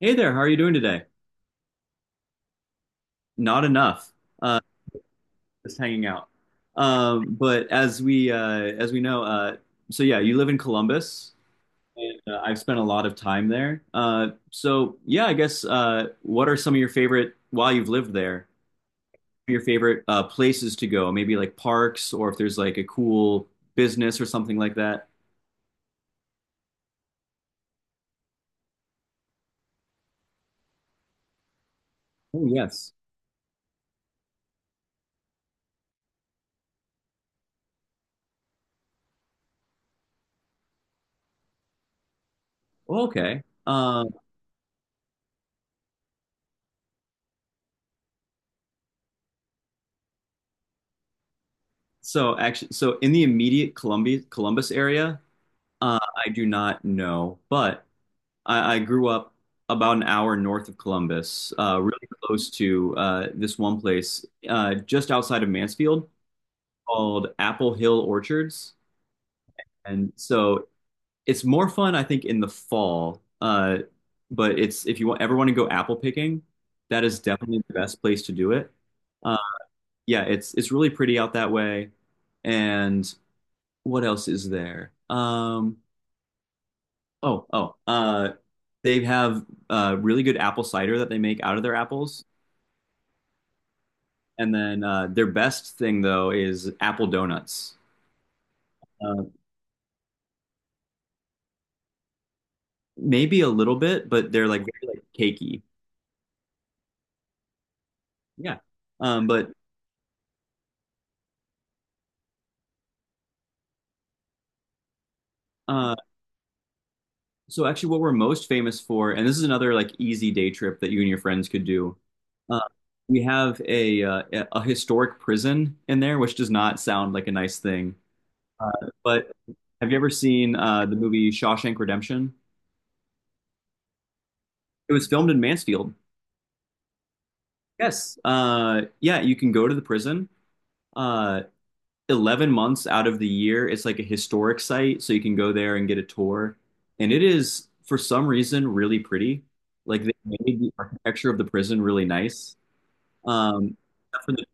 Hey there, how are you doing today? Not enough, uh, just hanging out. But as we know, so yeah, you live in Columbus, and I've spent a lot of time there. So yeah, I guess what are some of your favorite while you've lived there? Your favorite places to go? Maybe like parks, or if there's like a cool business or something like that. Oh yes. Oh, okay. So actually, so in the immediate Columbia Columbus area, uh, I do not know, but. I grew up about an hour north of Columbus, really close to this one place just outside of Mansfield called Apple Hill Orchards. And so it's more fun, I think, in the fall. But it's if you ever want to go apple picking, that is definitely the best place to do it. Uh, yeah, it's really pretty out that way. And what else is there? Oh. They have really good apple cider that they make out of their apples. And then their best thing, though, is apple donuts. Uh, Maybe a little bit, but they're like very like cakey. Yeah. But uh, so actually, what we're most famous for, and this is another like easy day trip that you and your friends could do. Uh, we have a historic prison in there, which does not sound like a nice thing. Uh, but have you ever seen the movie Shawshank Redemption? It was filmed in Mansfield. Yes. Yeah, you can go to the prison. Uh, 11 months out of the year, it's like a historic site, so you can go there and get a tour. And it is, for some reason, really pretty. Like they made the architecture of the prison really nice. Um, except for the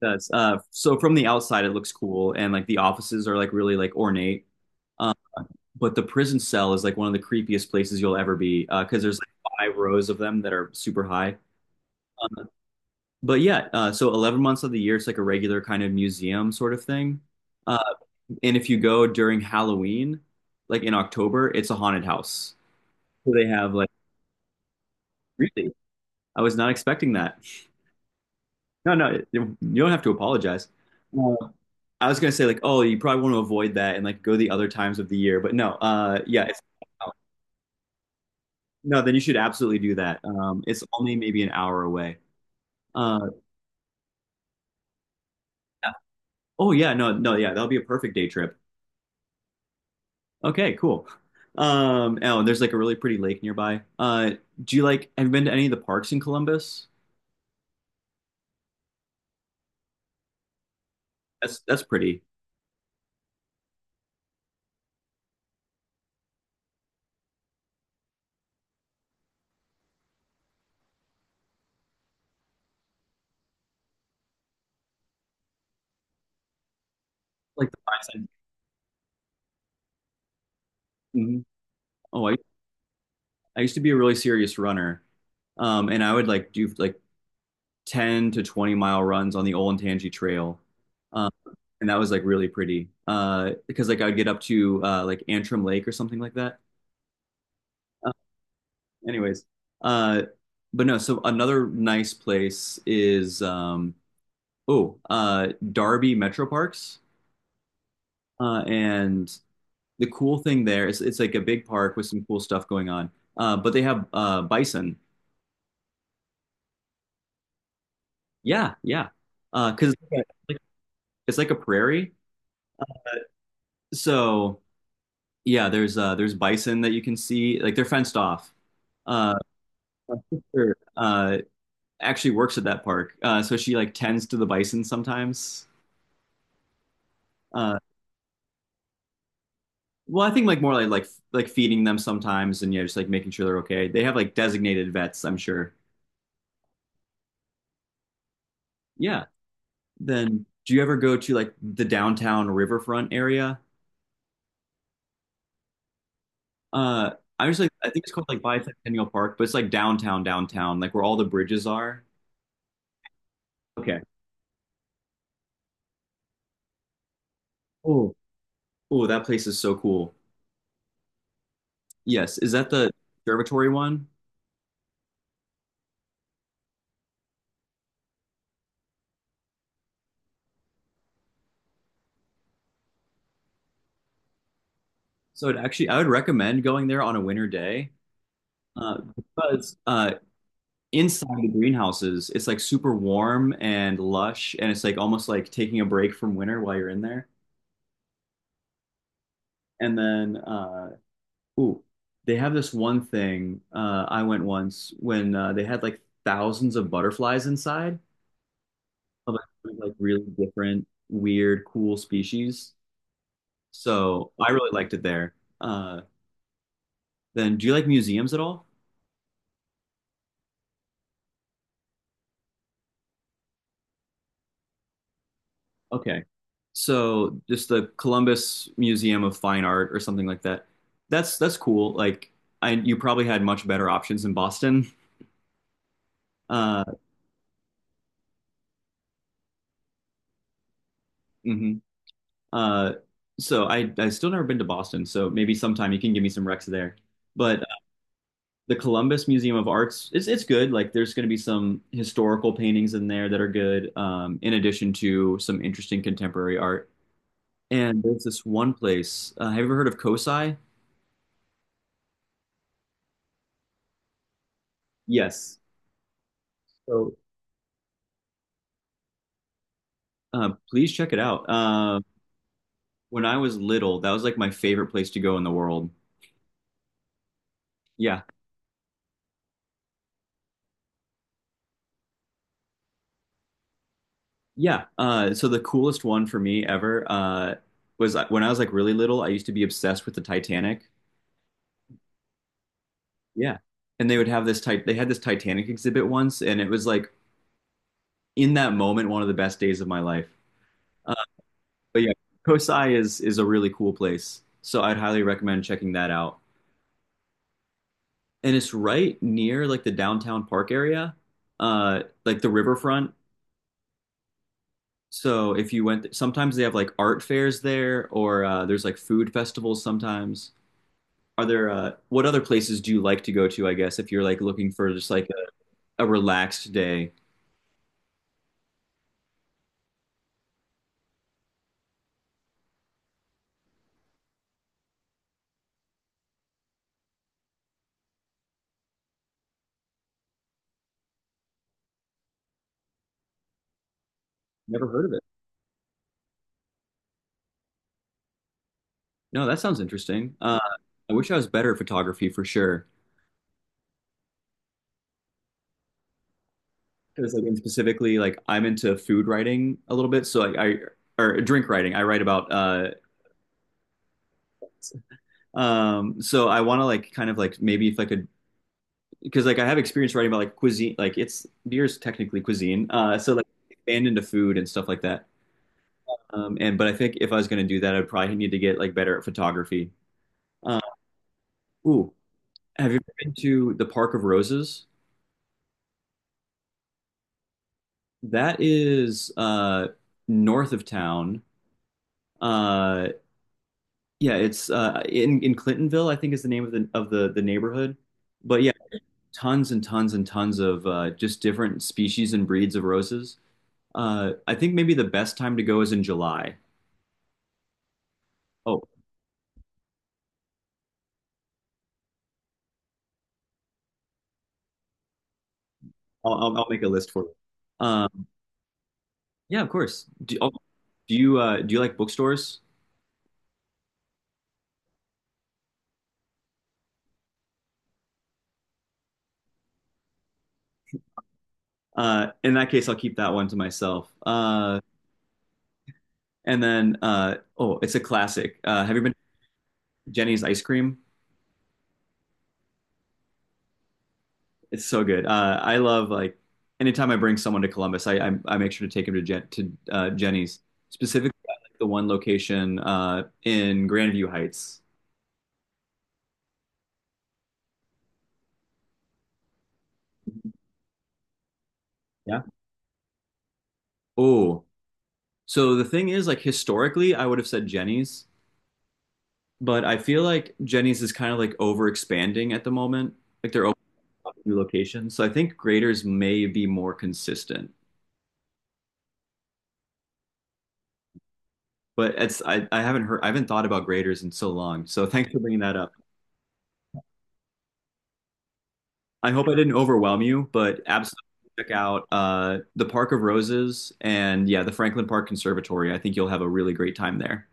that's, So from the outside, it looks cool, and like the offices are like really like ornate. Um, but the prison cell is like one of the creepiest places you'll ever be because there's like five rows of them that are super high. But yeah, so 11 months of the year, it's like a regular kind of museum sort of thing. Uh, and if you go during Halloween, like in October, it's a haunted house. So they have like, really? I was not expecting that. No, no, you don't have to apologize. Uh, I was gonna say like, oh, you probably want to avoid that and like go the other times of the year, but no, no, then you should absolutely do that. It's only maybe an hour away. Uh, yeah. Oh yeah, no, no, yeah, that'll be a perfect day trip. Okay, cool. Oh, and there's like a really pretty lake nearby. Have you been to any of the parks in Columbus? That's pretty. Like the five cent. Mhm. Oh, I, I used to be a really serious runner. And I would like do like 10 to 20 mile runs on the Olentangy Trail. Um, and that was like really pretty. Because like I would get up to like Antrim Lake or something like that. Uh, anyways, uh, but no, so another nice place is Oh, Darby Metro Parks. And the cool thing there is it's like a big park with some cool stuff going on. But they have bison. Yeah, yeah. 'Cause it's like a prairie. So yeah, there's bison that you can see. Like they're fenced off. Uh, my sister actually works at that park, so she like tends to the bison sometimes. Uh, well, I think like more like feeding them sometimes, and yeah, just like making sure they're okay. They have like designated vets, I'm sure. Yeah. Then do you ever go to like the downtown riverfront area? Uh, I was like, I think it's called like Bicentennial Park, but it's like downtown, downtown, like where all the bridges are. Okay. Oh, oh, that place is so cool. Yes. Is that the observatory one? So it actually, I would recommend going there on a winter day, because inside the greenhouses, it's like super warm and lush, and it's like almost like taking a break from winter while you're in there. And then uh, Ooh, they have this one thing. I went once when they had like thousands of butterflies inside of like really different, weird, cool species. So I really liked it there. Uh, do you like museums at all? Okay. So just the Columbus Museum of Fine Art or something like that. That's cool. Like I, you probably had much better options in Boston. Uh, mhm. Uh, so I still never been to Boston, so maybe sometime you can give me some recs there. But the Columbus Museum of Arts, it's good. Like there's going to be some historical paintings in there that are good, in addition to some interesting contemporary art. And there's this one place. Have you ever heard of Kosai? Yes. So please check it out. When I was little, that was like my favorite place to go in the world. Yeah. Yeah. So the coolest one for me ever was when I was like really little. I used to be obsessed with the Titanic. Yeah. And they would have this type. They had this Titanic exhibit once, and it was like in that moment one of the best days of my life. Uh, but yeah, Kosai is a really cool place. So I'd highly recommend checking that out. And it's right near like the downtown park area, like the riverfront. So if you went, sometimes they have like art fairs there, or there's like food festivals sometimes. Are there What other places do you like to go to, I guess, if you're like looking for just like a relaxed day? Never heard of it. No, that sounds interesting. I wish I was better at photography for sure. Because like and specifically, like I'm into food writing a little bit, so like I or drink writing. I write about so I want to like kind of like maybe if I could because like I have experience writing about like cuisine, like it's beer is technically cuisine, so like expand into food and stuff like that. And but I think if I was going to do that, I'd probably need to get like better at photography. Ooh, have you been to the Park of Roses? That is north of town. Uh, yeah, it's in Clintonville, I think is the name of the neighborhood. But yeah, tons and tons and tons of just different species and breeds of roses. I think maybe the best time to go is in July. Oh, I'll make a list for you. Um, yeah, of course. Do you like bookstores? In that case, I'll keep that one to myself. Oh, it's a classic. Have you been to Jenny's ice cream? It's so good. I love like anytime I bring someone to Columbus, I make sure to take them to Jenny's specifically. I like the one location in Grandview Heights. Yeah. Oh, so the thing is, like historically, I would have said Jenny's, but I feel like Jenny's is kind of like over expanding at the moment. Like they're opening up new locations, so I think Graders may be more consistent. But I haven't heard I haven't thought about graders in so long. So thanks for bringing that up. I hope I didn't overwhelm you, but absolutely check out the Park of Roses and yeah, the Franklin Park Conservatory. I think you'll have a really great time there.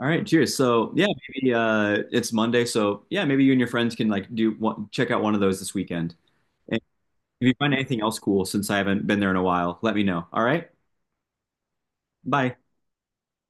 All right, cheers. So yeah, maybe it's Monday. So yeah, maybe you and your friends can like do one, check out one of those this weekend. And if you find anything else cool, since I haven't been there in a while, let me know. All right, bye.